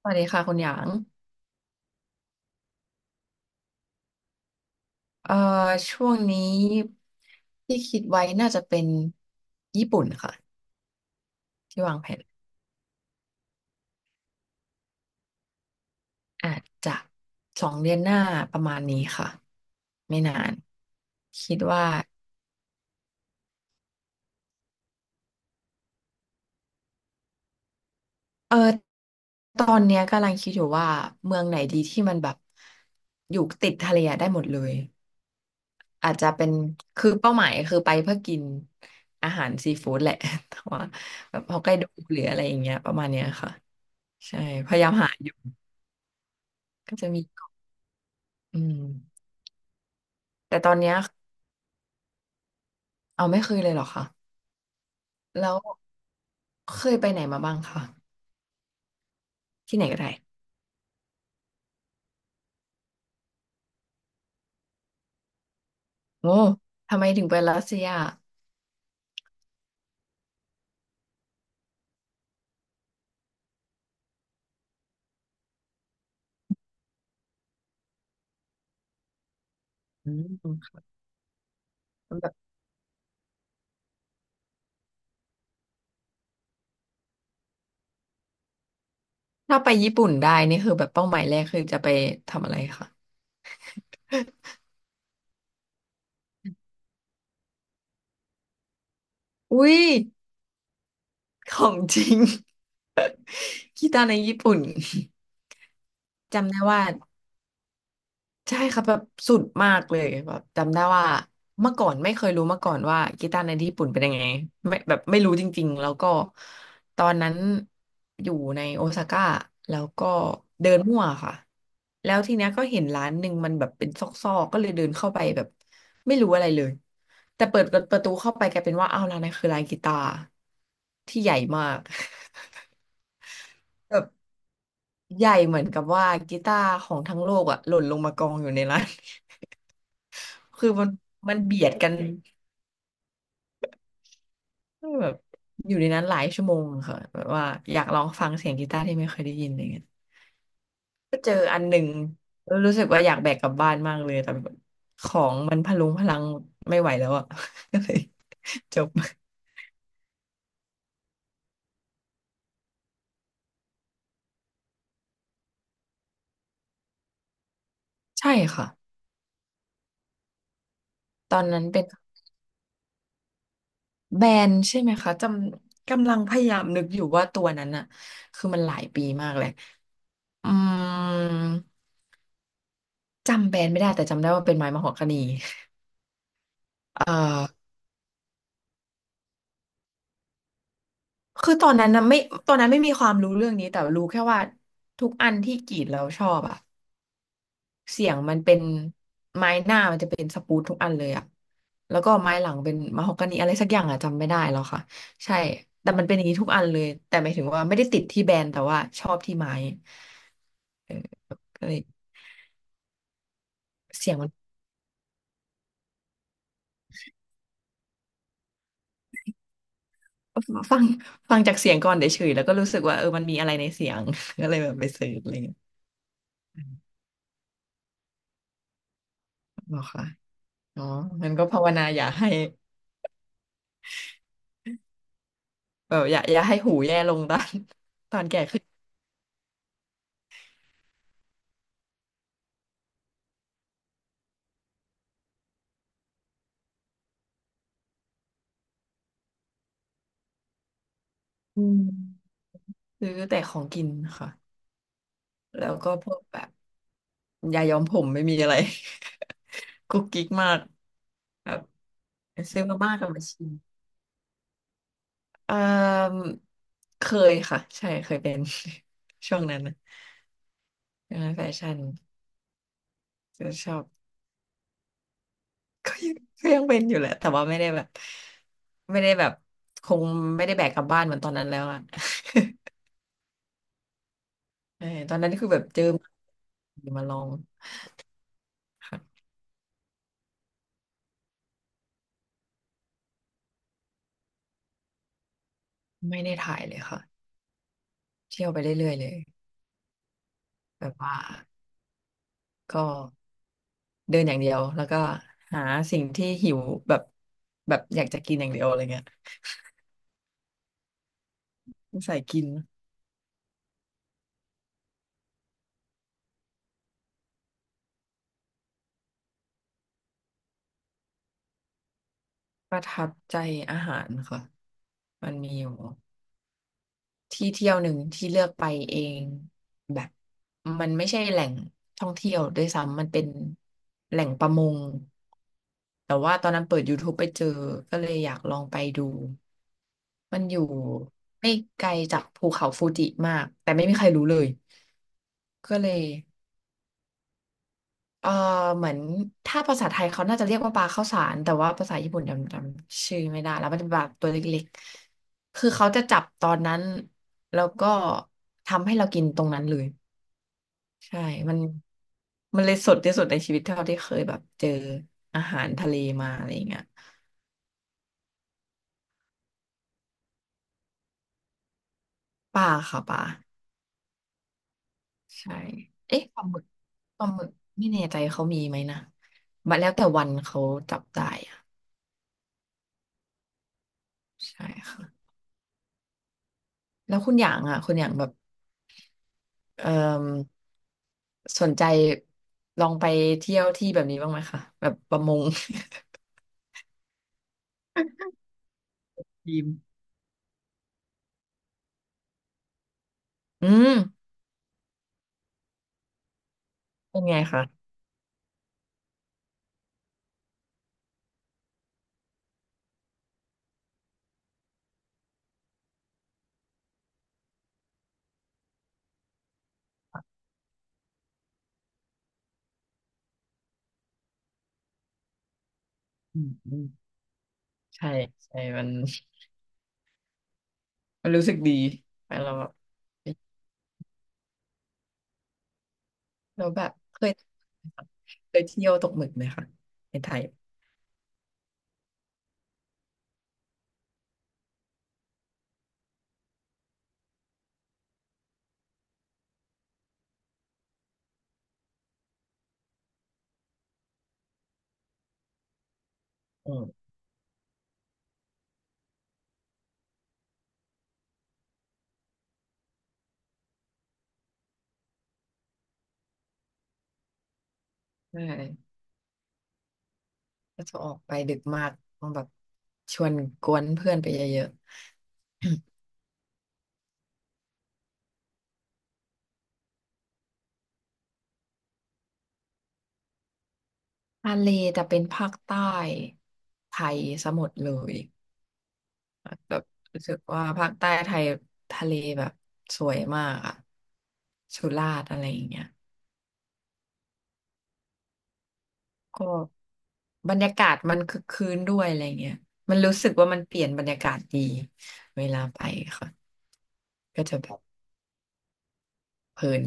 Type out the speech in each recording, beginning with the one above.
สวัสดีค่ะคุณหยางเอ่อช่วงนี้ที่คิดไว้น่าจะเป็นญี่ปุ่นค่ะที่วางแผนอาจจะสองเดือนหน้าประมาณนี้ค่ะไม่นานคิดว่าเออตอนเนี้ยกำลังคิดอยู่ว่าเมืองไหนดีที่มันแบบอยู่ติดทะเลอะได้หมดเลยอาจจะเป็นคือเป้าหมายคือไปเพื่อกินอาหารซีฟู้ดแหละ แต่ว่าแบบฮอกไกโดหรืออะไรอย่างเงี้ยประมาณเนี้ยค่ะใช่พยายามหา ก็จะมีเกาะอืมแต่ตอนเนี้ยเอาไม่เคยเลยเหรอคะแล้วเคยไปไหนมาบ้างคะที่ไหนก็ได้โอ้ทำไมถึงไปรัสเซียอืมแบบถ้าไปญี่ปุ่นได้นี่คือแบบเป้าหมายแรกคือจะไปทำอะไรคะอุ้ยของจริง กีตาร์ในญี่ปุ่นจำได้ว่า ใช่ครับแบบสุดมากเลยแบบจำได้ว่าเมื่อก่อนไม่เคยรู้มาก่อนว่ากีตาร์ในที่ญี่ปุ่นเป็นยังไงไม่แบบไม่รู้จริงๆแล้วก็ตอนนั้นอยู่ในโอซาก้าแล้วก็เดินมั่วค่ะแล้วทีเนี้ยก็เห็นร้านหนึ่งมันแบบเป็นซอกๆก็เลยเดินเข้าไปแบบไม่รู้อะไรเลยแต่เปิดประตูเข้าไปกลายเป็นว่าอ้าวร้านนั้นคือร้านกีตาร์ที่ใหญ่มาก แบบใหญ่เหมือนกับว่ากีตาร์ของทั้งโลกอะหล่นลงมากองอยู่ในร้าน คือมันเบียดกันแบบอยู่ในนั้นหลายชั่วโมงค่ะแบบว่าอยากลองฟังเสียงกีตาร์ที่ไม่เคยได้ยินอะไรเงี้ยก็เจออันหนึ่งแล้วรู้สึกว่าอยากแบกกลับบ้านมากเลยแต่แบบของมันพะลุงพะลังไม่ไหวแล้วอ่ะ ก็เลยจบใช่ค่ะตอนนั้นเป็นแบนใช่ไหมคะจำกำลังพยายามนึกอยู่ว่าตัวนั้นอ่ะคือมันหลายปีมากเลยอืมจำแบรนด์ไม่ได้แต่จำได้ว่าเป็นไม้มะฮอกกานี เอ่อ คือตอนนั้นนะไม่ตอนนั้นไม่มีความรู้เรื่องนี้แต่รู้แค่ว่าทุกอันที่กรีดแล้วชอบอะเสียงมันเป็นไม้หน้ามันจะเป็นสปูดทุกอันเลยอะแล้วก็ไม้หลังเป็นมะฮอกกานีอะไรสักอย่างอะจำไม่ได้แล้วค่ะใช่แต่มันเป็นอย่างนี้ทุกอันเลยแต่หมายถึงว่าไม่ได้ติดที่แบรนด์แต่ว่าชอบที่ไม้เออก็เลยเสียงมันฟังฟังจากเสียงก่อนเฉยๆแล้วก็รู้สึกว่าเออมันมีอะไรในเสียง ก็เลยแบบไปเสิร์ชอะไรอย่างเงี้ยหรอกค่ะอ๋องั้นก็ภาวนาอย่าให้ แบบอย่าให้หูแย่ลงตอน ตอนแก่ขึ้นอืมซื้อแต่ของกินค่ะแล้วก็พวกแบบยาย้อมผมไม่มีอะไร กุ๊กกิ๊กมากแบบซื้อมาม่ากับมาชิมเอ่อเคยค่ะใช่เคยเป็น ช่วงนั้นนะช่วงนั้นแฟชั่นก็ชอบก็ยังเป็นอยู่แหละแต่ว่าไม่ได้แบบไม่ได้แบบคงไม่ได้แบกกลับบ้านเหมือนตอนนั้นแล้วอ่ะ ใช่ตอนนั้นคือแบบเจอมาลองค่ะไม่ได้ถ่ายเลยค่ะ เที่ยวไปเรื่อยๆเลยแบบว่าก็เดินอย่างเดียวแล้วก็หาสิ่งที่หิวแบบแบบอยากจะกินอย่างเดียวอะไรเงี้ยใส่กินประทับใจอาหารค่ะมันมีอยู่ที่เที่ยวหนึ่งที่เลือกไปเองแบบมันไม่ใช่แหล่งท่องเที่ยวด้วยซ้ำมันเป็นแหล่งประมงแต่ว่าตอนนั้นเปิด YouTube ไปเจอก็เลยอยากลองไปดูมันอยู่ไม่ไกลจากภูเขาฟูจิมากแต่ไม่มีใครรู้เลย ก็เลยเออเหมือนถ้าภาษาไทยเขาน่าจะเรียกว่าปลาข้าวสารแต่ว่าภาษาญี่ปุ่นจำชื่อไม่ได้แล้วมันจะแบบตัวเล็กๆ คือเขาจะจับตอนนั้นแล้วก็ทำให้เรากินตรงนั้นเลยใช่มันเลยสดที่สุดในชีวิตเท่าที่เคยแบบเจออาหารทะเลมาอะไรอย่างเงี้ยปลาค่ะปลาใช่เอ๊ะปลาหมึกปลาหมึกไม่แน่ใจเขามีไหมนะมันแล้วแต่วันเขาจับได้อะใช่ค่ะแล้วคุณอย่างอ่ะคุณอย่างแบบ เอ่อสนใจลองไปเที่ยวที่แบบนี้บ้างไหมคะแบบประมง ทีม อืมเป็นไงคะอืมอืมใช่ใช่มันรู้สึกดีไปเราแบบเคยเที่ยวตกหมึกไหมคะในไทยอืมใช่ก็จะออกไปดึกมากต้องแบบชวนกวนเพื่อนไปเยอะๆ ทะเลแต่เป็นภาคใต้ไทยสมหมดเลย แบบรู้สึกว่าภาคใต้ไทยทะเลแบบสวยมากอะสุราษฎร์อะไรอย่างเงี้ยก็บรรยากาศมันคึกคืนด้วยอะไรเงี้ยมันรู้สึกว่ามันเปลี่ยนบรรยากาศดีเวลาไปค่ะก็จะแบบเพลิน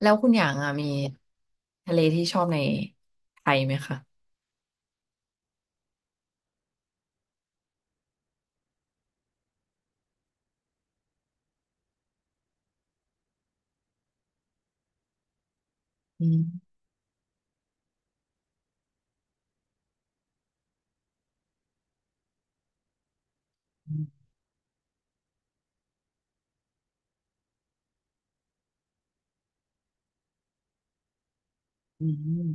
แล้วคุณอย่างอะมีทะเลที่ชอบในไทยไหมคะอืมอืมอืม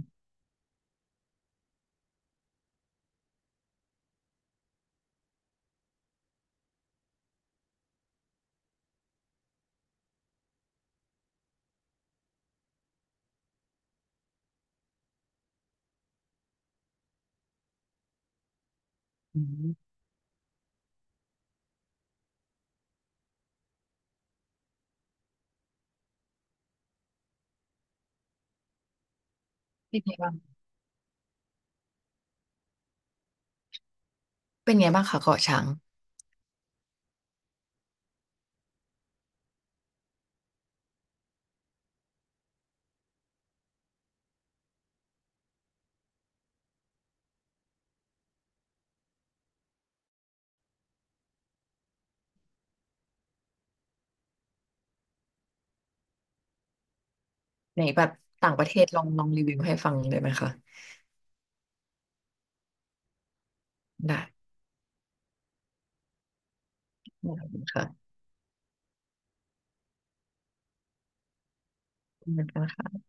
อืมเป็นไงบ้างเป็นไงบ้างคะเกาะช้างในแบบต่างประเทศลองลองรีวิวให้ฟังได้ไหมคะได้ได้ค่ะขอบคุณคะ